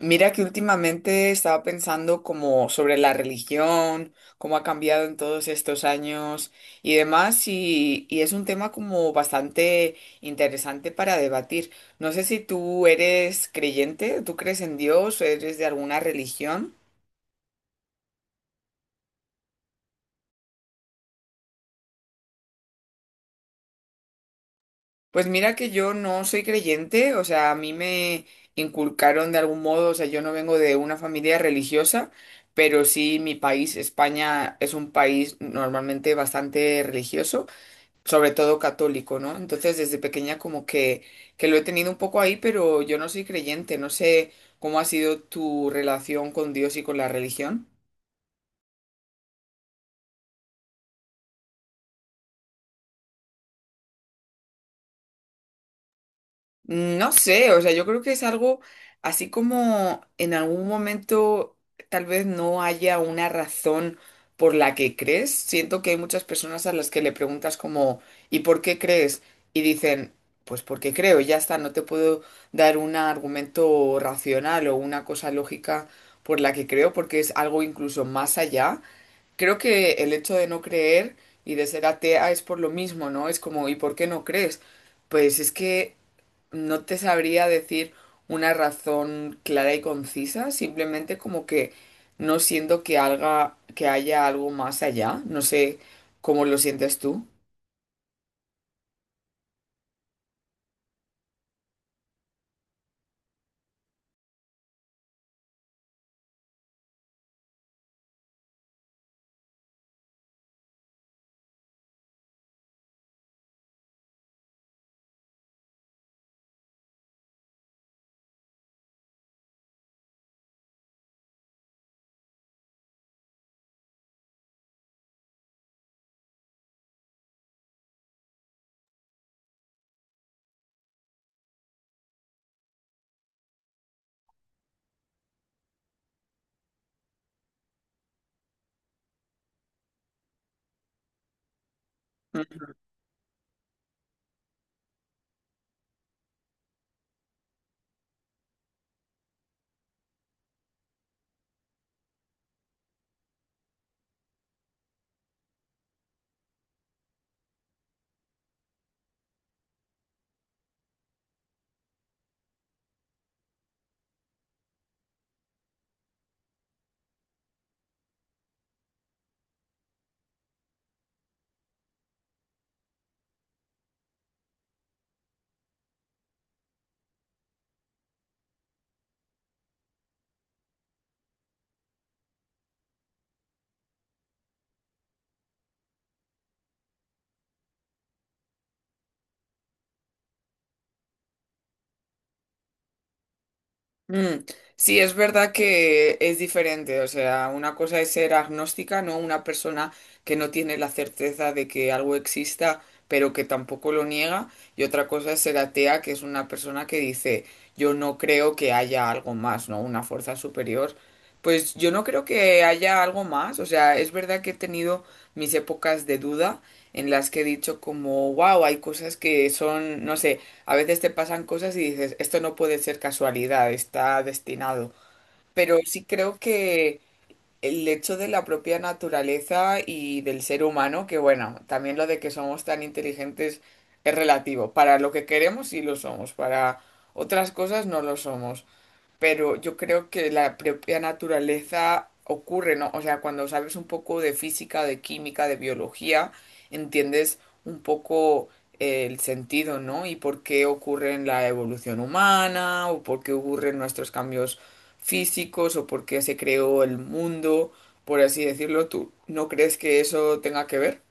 Mira que últimamente estaba pensando como sobre la religión, cómo ha cambiado en todos estos años y demás, y es un tema como bastante interesante para debatir. No sé si tú eres creyente, tú crees en Dios, eres de alguna religión. Pues mira que yo no soy creyente, o sea, a mí me inculcaron de algún modo, o sea, yo no vengo de una familia religiosa. Pero sí, mi país, España, es un país normalmente bastante religioso, sobre todo católico, ¿no? Entonces desde pequeña como que lo he tenido un poco ahí, pero yo no soy creyente, no sé cómo ha sido tu relación con Dios y con la religión. No sé, o sea, yo creo que es algo así como en algún momento tal vez no haya una razón por la que crees. Siento que hay muchas personas a las que le preguntas como, ¿y por qué crees? Y dicen, pues porque creo, y ya está, no te puedo dar un argumento racional o una cosa lógica por la que creo, porque es algo incluso más allá. Creo que el hecho de no creer y de ser atea es por lo mismo, ¿no? Es como, ¿y por qué no crees? Pues es que no te sabría decir una razón clara y concisa, simplemente como que no siento que haga, que haya algo más allá. No sé cómo lo sientes tú. Mm, sí, es verdad que es diferente. O sea, una cosa es ser agnóstica, no, una persona que no tiene la certeza de que algo exista, pero que tampoco lo niega. Y otra cosa es ser atea, que es una persona que dice, yo no creo que haya algo más, ¿no? Una fuerza superior. Pues yo no creo que haya algo más. O sea, es verdad que he tenido mis épocas de duda en las que he dicho como, wow, hay cosas que son, no sé. A veces te pasan cosas y dices, esto no puede ser casualidad, está destinado. Pero sí creo que el hecho de la propia naturaleza y del ser humano, que bueno, también lo de que somos tan inteligentes es relativo. Para lo que queremos sí lo somos, para otras cosas no lo somos, pero yo creo que la propia naturaleza ocurre, ¿no? O sea, cuando sabes un poco de física, de química, de biología, entiendes un poco el sentido, ¿no? Y por qué ocurre en la evolución humana, o por qué ocurren nuestros cambios físicos, o por qué se creó el mundo, por así decirlo. ¿Tú no crees que eso tenga que ver?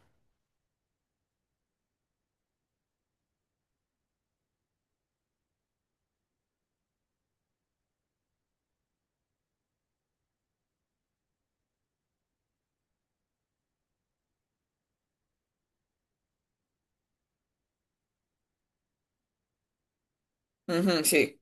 Ujú, sí.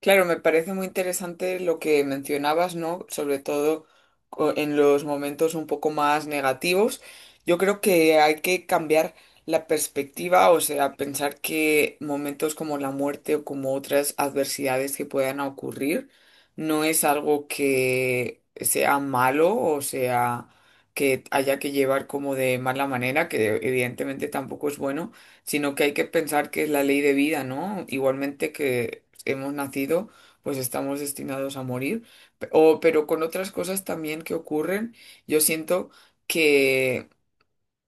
Claro, me parece muy interesante lo que mencionabas, ¿no? Sobre todo en los momentos un poco más negativos. Yo creo que hay que cambiar la perspectiva, o sea, pensar que momentos como la muerte o como otras adversidades que puedan ocurrir no es algo que sea malo o sea que haya que llevar como de mala manera, que evidentemente tampoco es bueno, sino que hay que pensar que es la ley de vida, ¿no? Igualmente que hemos nacido, pues estamos destinados a morir. Pero con otras cosas también que ocurren, yo siento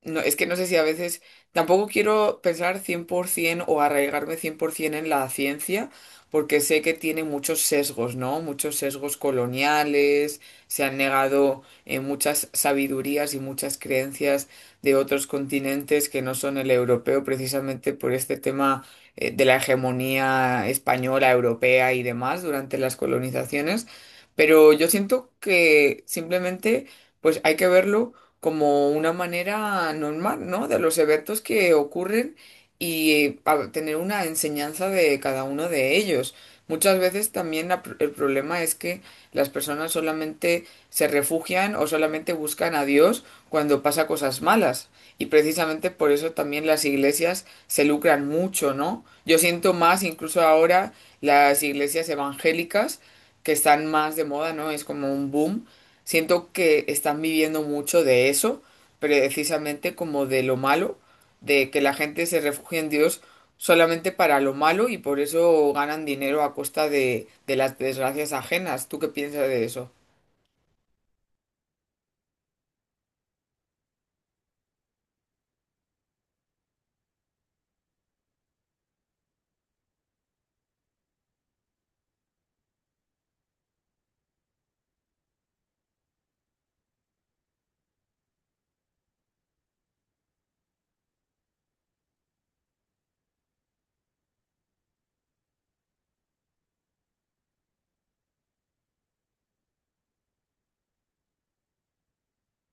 no, es que no sé si a veces tampoco quiero pensar 100% o arraigarme 100% en la ciencia, porque sé que tiene muchos sesgos, ¿no? Muchos sesgos coloniales, se han negado muchas sabidurías y muchas creencias de otros continentes que no son el europeo, precisamente por este tema de la hegemonía española, europea y demás durante las colonizaciones. Pero yo siento que simplemente pues hay que verlo como una manera normal, ¿no? De los eventos que ocurren y, tener una enseñanza de cada uno de ellos. Muchas veces también el problema es que las personas solamente se refugian o solamente buscan a Dios cuando pasa cosas malas. Y precisamente por eso también las iglesias se lucran mucho, ¿no? Yo siento más, incluso ahora, las iglesias evangélicas que están más de moda, ¿no? Es como un boom. Siento que están viviendo mucho de eso, precisamente como de lo malo, de que la gente se refugia en Dios solamente para lo malo y por eso ganan dinero a costa de las desgracias ajenas. ¿Tú qué piensas de eso?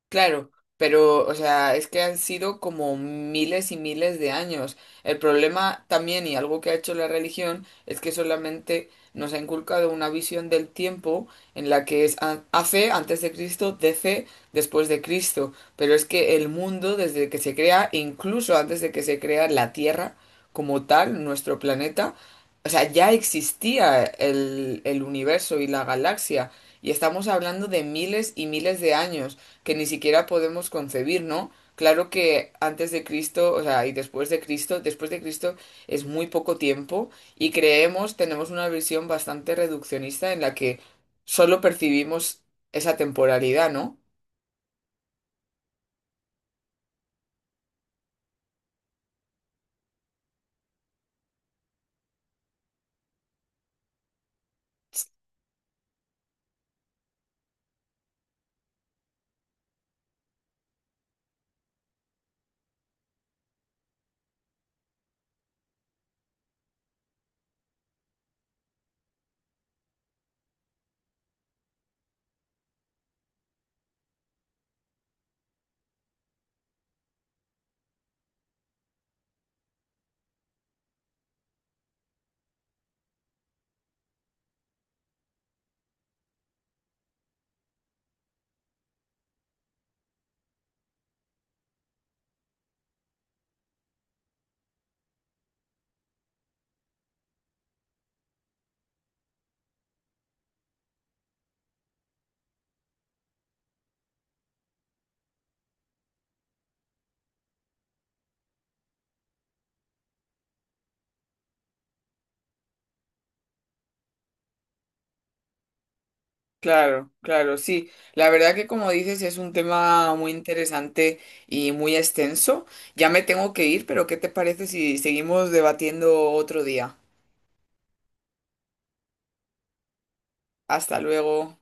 Claro, pero, o sea, es que han sido como miles y miles de años. El problema también, y algo que ha hecho la religión, es que solamente nos ha inculcado una visión del tiempo en la que es AC, antes de Cristo, DC, después de Cristo. Pero es que el mundo, desde que se crea, incluso antes de que se crea la Tierra como tal, nuestro planeta, o sea, ya existía el universo y la galaxia. Y estamos hablando de miles y miles de años que ni siquiera podemos concebir, ¿no? Claro que antes de Cristo, o sea, y después de Cristo es muy poco tiempo y creemos, tenemos una visión bastante reduccionista en la que solo percibimos esa temporalidad, ¿no? Claro, claro, sí. La verdad que como dices es un tema muy interesante y muy extenso. Ya me tengo que ir, pero ¿qué te parece si seguimos debatiendo otro día? Hasta luego.